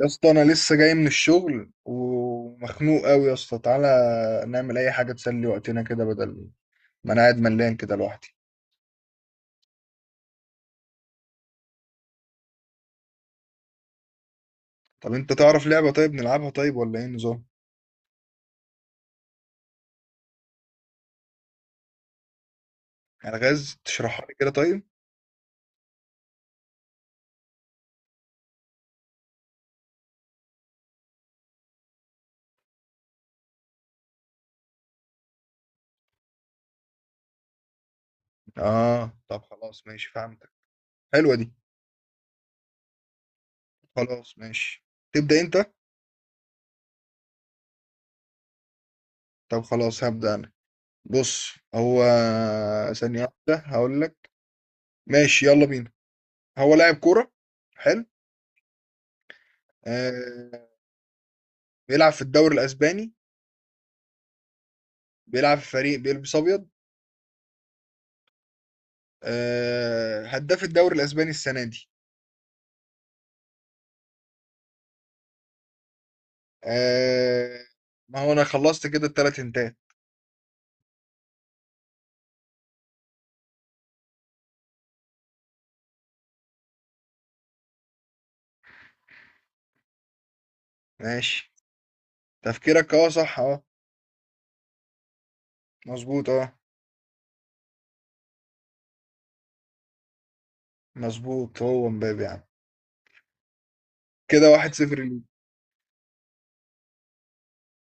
يا اسطى، انا لسه جاي من الشغل ومخنوق قوي. يا اسطى تعالى نعمل اي حاجه تسلي وقتنا كده، بدل ما انا قاعد ملان كده لوحدي. طب انت تعرف لعبه طيب نلعبها، طيب ولا ايه النظام؟ الغاز؟ تشرحها لي كده طيب. اه، طب خلاص ماشي فهمتك. حلوه دي. خلاص ماشي، تبدا انت. طب خلاص هبدا انا. بص هو... ثانيه واحده هقول لك. ماشي يلا بينا. هو لاعب كوره. حلو. آه بيلعب في الدوري الاسباني. بيلعب في فريق بيلبس ابيض. هداف الدوري الاسباني السنه دي. آه، ما هو انا خلصت كده، التلات انتات. ماشي، تفكيرك اه صح اه. مظبوط اه. مظبوط، هو مبابي يعني. كده واحد صفر ليك.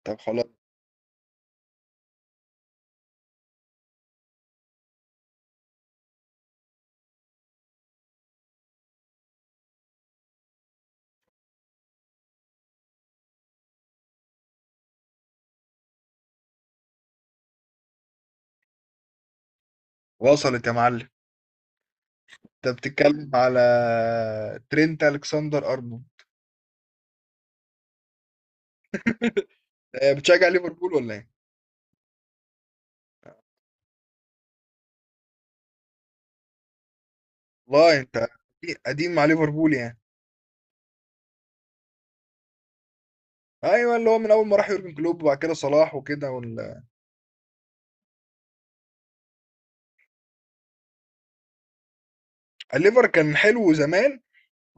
طب خلاص. وصلت يا معلم. انت بتتكلم على ترينت الكسندر ارنولد. بتشجع ليفربول ولا ايه؟ والله انت قديم مع ليفربول يعني. ايوه، اللي هو من اول ما راح يورجن كلوب وبعد كده صلاح وكده. الليفر كان حلو زمان.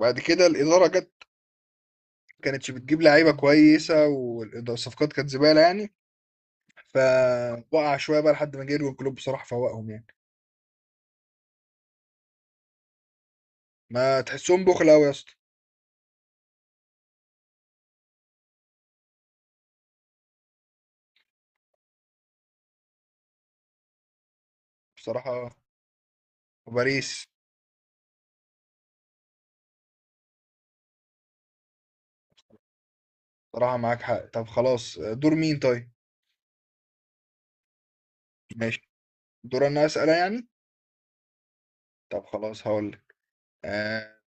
بعد كده الاداره جت، كانتش بتجيب لعيبه كويسه والصفقات كانت زباله يعني. فوقع شويه بقى لحد ما جه يورجن كلوب، بصراحه فوقهم يعني. ما تحسهم بخل قوي يا اسطى. بصراحه، باريس. بصراحه معاك حق. طب خلاص، دور مين طيب؟ ماشي، دور انا اسال يعني. طب خلاص هقول لك. آه...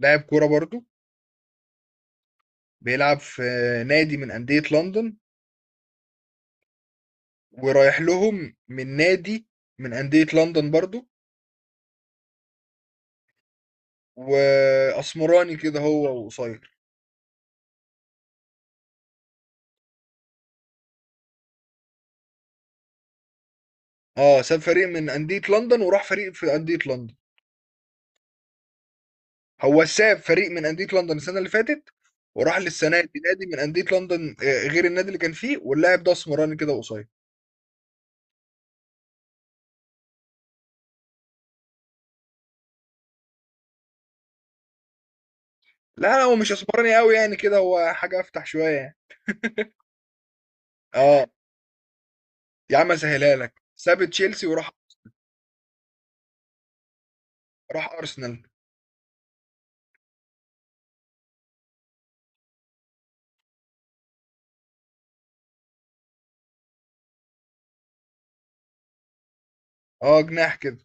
لاعب كوره برضو، بيلعب في نادي من انديه لندن ورايح لهم من نادي من انديه لندن برضو. واسمراني كده هو وقصير. اه، ساب فريق من أندية لندن وراح فريق في أندية لندن. هو ساب فريق من أندية لندن السنة اللي فاتت، وراح للسنة دي نادي من أندية لندن، غير النادي اللي كان فيه. واللاعب ده اسمراني كده قصير. لا، لا، هو مش اسمراني قوي يعني كده، هو حاجة أفتح شوية يعني. اه، يا عم أسهلها لك. ساب تشيلسي وراح. راح أرسنال. اه، جناح كده.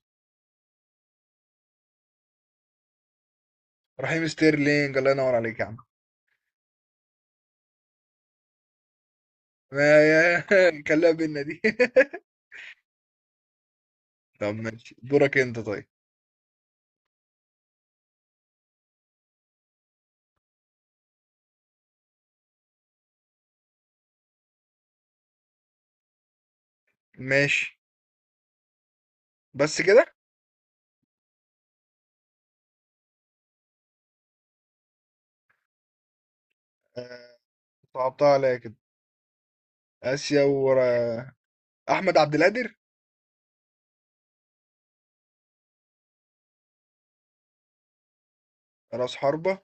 رحيم ستيرلينج، الله ينور عليك يا عم. ما، يا، كلها بينا دي. طب ماشي، دورك انت طيب. ماشي بس كده. آه، صعبتها عليا كده. آسيا ورا. احمد عبد القادر. راس حربة.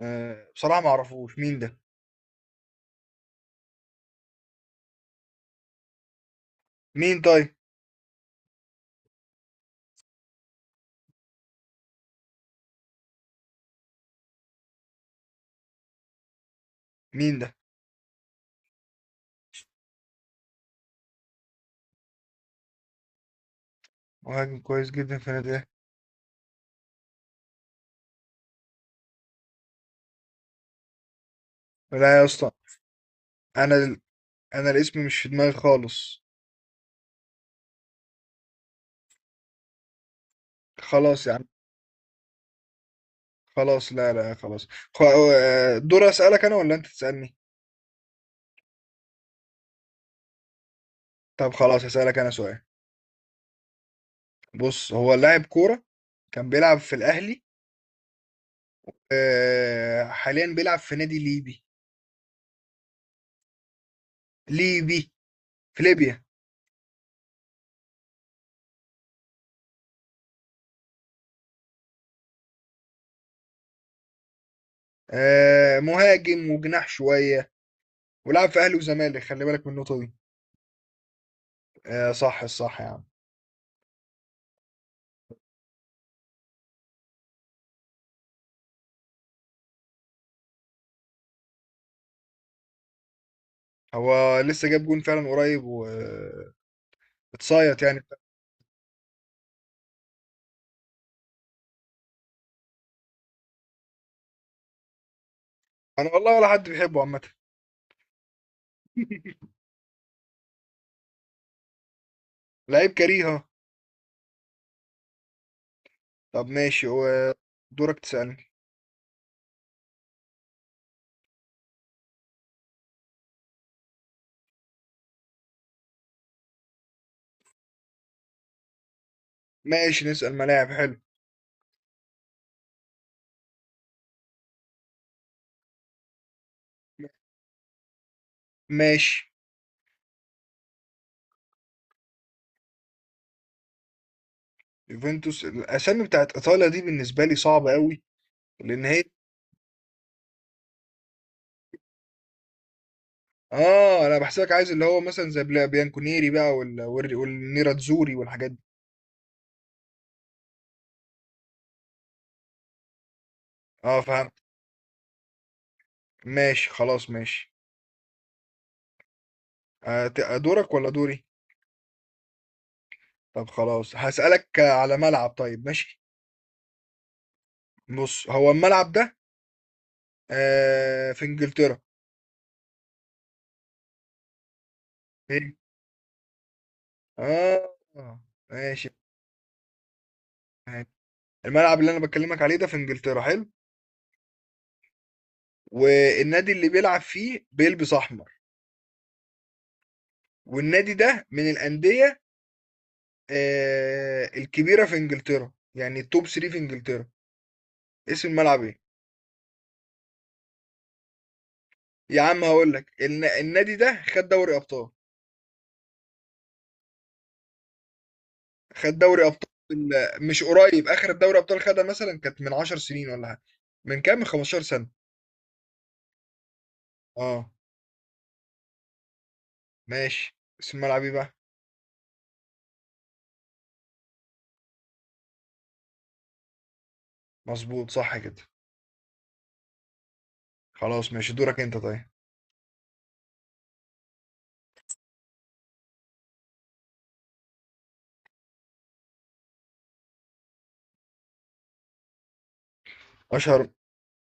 أه، بصراحة ما اعرفوش مين ده. مين طيب؟ مين ده؟ مهاجم كويس جدا في النادي الأهلي. لا يا اسطى، انا ال- انا الاسم مش في دماغي خالص. خلاص يا عم. خلاص، لا، لا، خلاص. دور اسالك انا ولا انت تسالني؟ طب خلاص اسالك انا سؤال. بص، هو لاعب كورة كان بيلعب في الاهلي. أه حاليا بيلعب في نادي ليبي. ليبي، في ليبيا. مهاجم وجناح شوية. ولعب في أهلي وزمالك، خلي بالك من النقطة دي. صح صح يا عم. هو لسه جاب جون فعلا قريب واتصايت يعني. انا والله ولا حد بيحبه عامة. لعيب كريهة. طب ماشي، هو دورك تسألني. ماشي، نسأل ملاعب، حلو. ماشي. يوفنتوس، الاسامي بتاعت ايطاليا دي بالنسبة لي صعبة قوي، لان هي... اه، انا بحسبك عايز اللي هو مثلا زي بيانكونيري بقى والنيراتزوري والحاجات دي. اه فهمت. ماشي خلاص ماشي. دورك ولا دوري؟ طب خلاص هسألك على ملعب، طيب ماشي. بص، هو الملعب ده في انجلترا. إيه؟ اه، ماشي معاك. الملعب اللي انا بكلمك عليه ده في انجلترا، حلو. والنادي اللي بيلعب فيه بيلبس احمر. والنادي ده من الانديه الكبيره في انجلترا، يعني التوب 3 في انجلترا. اسم الملعب ايه؟ يا عم هقول لك، النادي ده خد دوري ابطال. خد دوري ابطال. مش قريب، اخر دوري ابطال خدها مثلا كانت من 10 سنين ولا حاجه. من كام، من 15 سنه. اه ماشي، اسم الملعب ايه بقى؟ مظبوط، صح كده. خلاص ماشي، دورك انت طيب. اشهر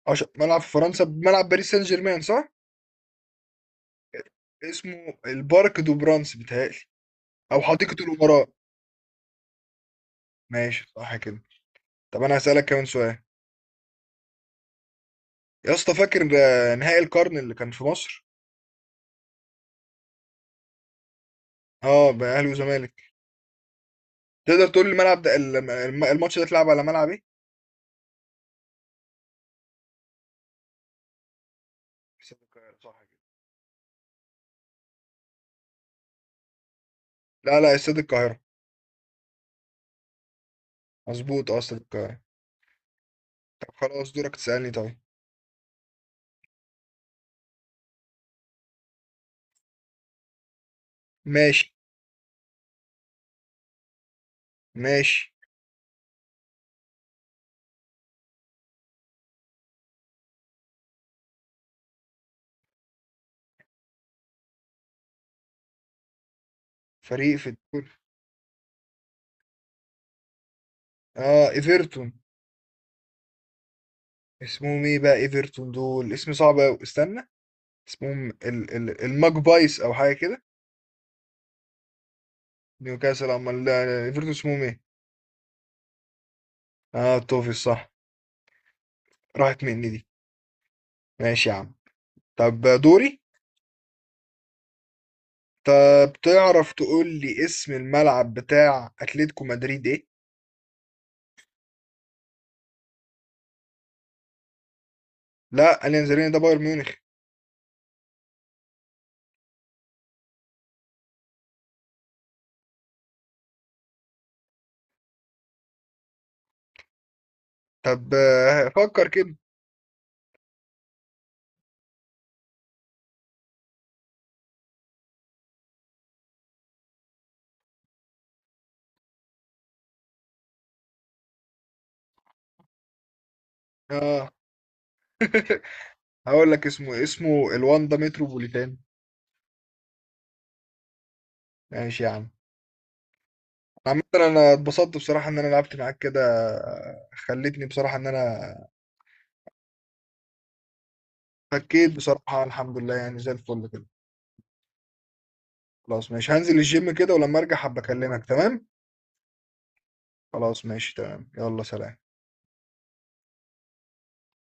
اشهر ملعب في فرنسا، ملعب باريس سان جيرمان، صح؟ اسمه البارك دو برانس بيتهيألي. او حديقة الامراء. ماشي، صح كده. طب انا هسألك كمان سؤال. يا اسطى، فاكر نهائي القرن اللي كان في مصر؟ اه، بقى اهلي وزمالك. تقدر تقول لي الملعب ده، الماتش ده اتلعب على ملعب ايه؟ استاد القاهرة، صح كده؟ لا، لا، استاد القاهرة. مظبوط، اه استاد القاهرة. طب خلاص، دورك تسألني طيب. ماشي، ماشي. فريق في الدور... اه، ايفرتون. اسمهم ايه بقى؟ ايفرتون دول اسم صعب قوي، استنى. اسمهم ال ال الماجبايز او حاجه كده. نيوكاسل امال؟ لا، ايفرتون اسمهم ايه؟ اه، توفيق صح. راحت مني دي. ماشي يا عم. طب دوري. طب تعرف تقول لي اسم الملعب بتاع اتلتيكو مدريد ايه؟ لا، اليانزاريني ده بايرن ميونخ. طب فكر كده. اه. هقول لك اسمه الواندا متروبوليتان. ماشي يا عم. عامة انا اتبسطت بصراحة ان انا لعبت معاك كده. خلتني بصراحة ان انا... فكيت بصراحة، الحمد لله يعني زي الفل كده. خلاص ماشي، هنزل الجيم كده ولما ارجع هبقى اكلمك، تمام؟ خلاص ماشي تمام، يلا سلام.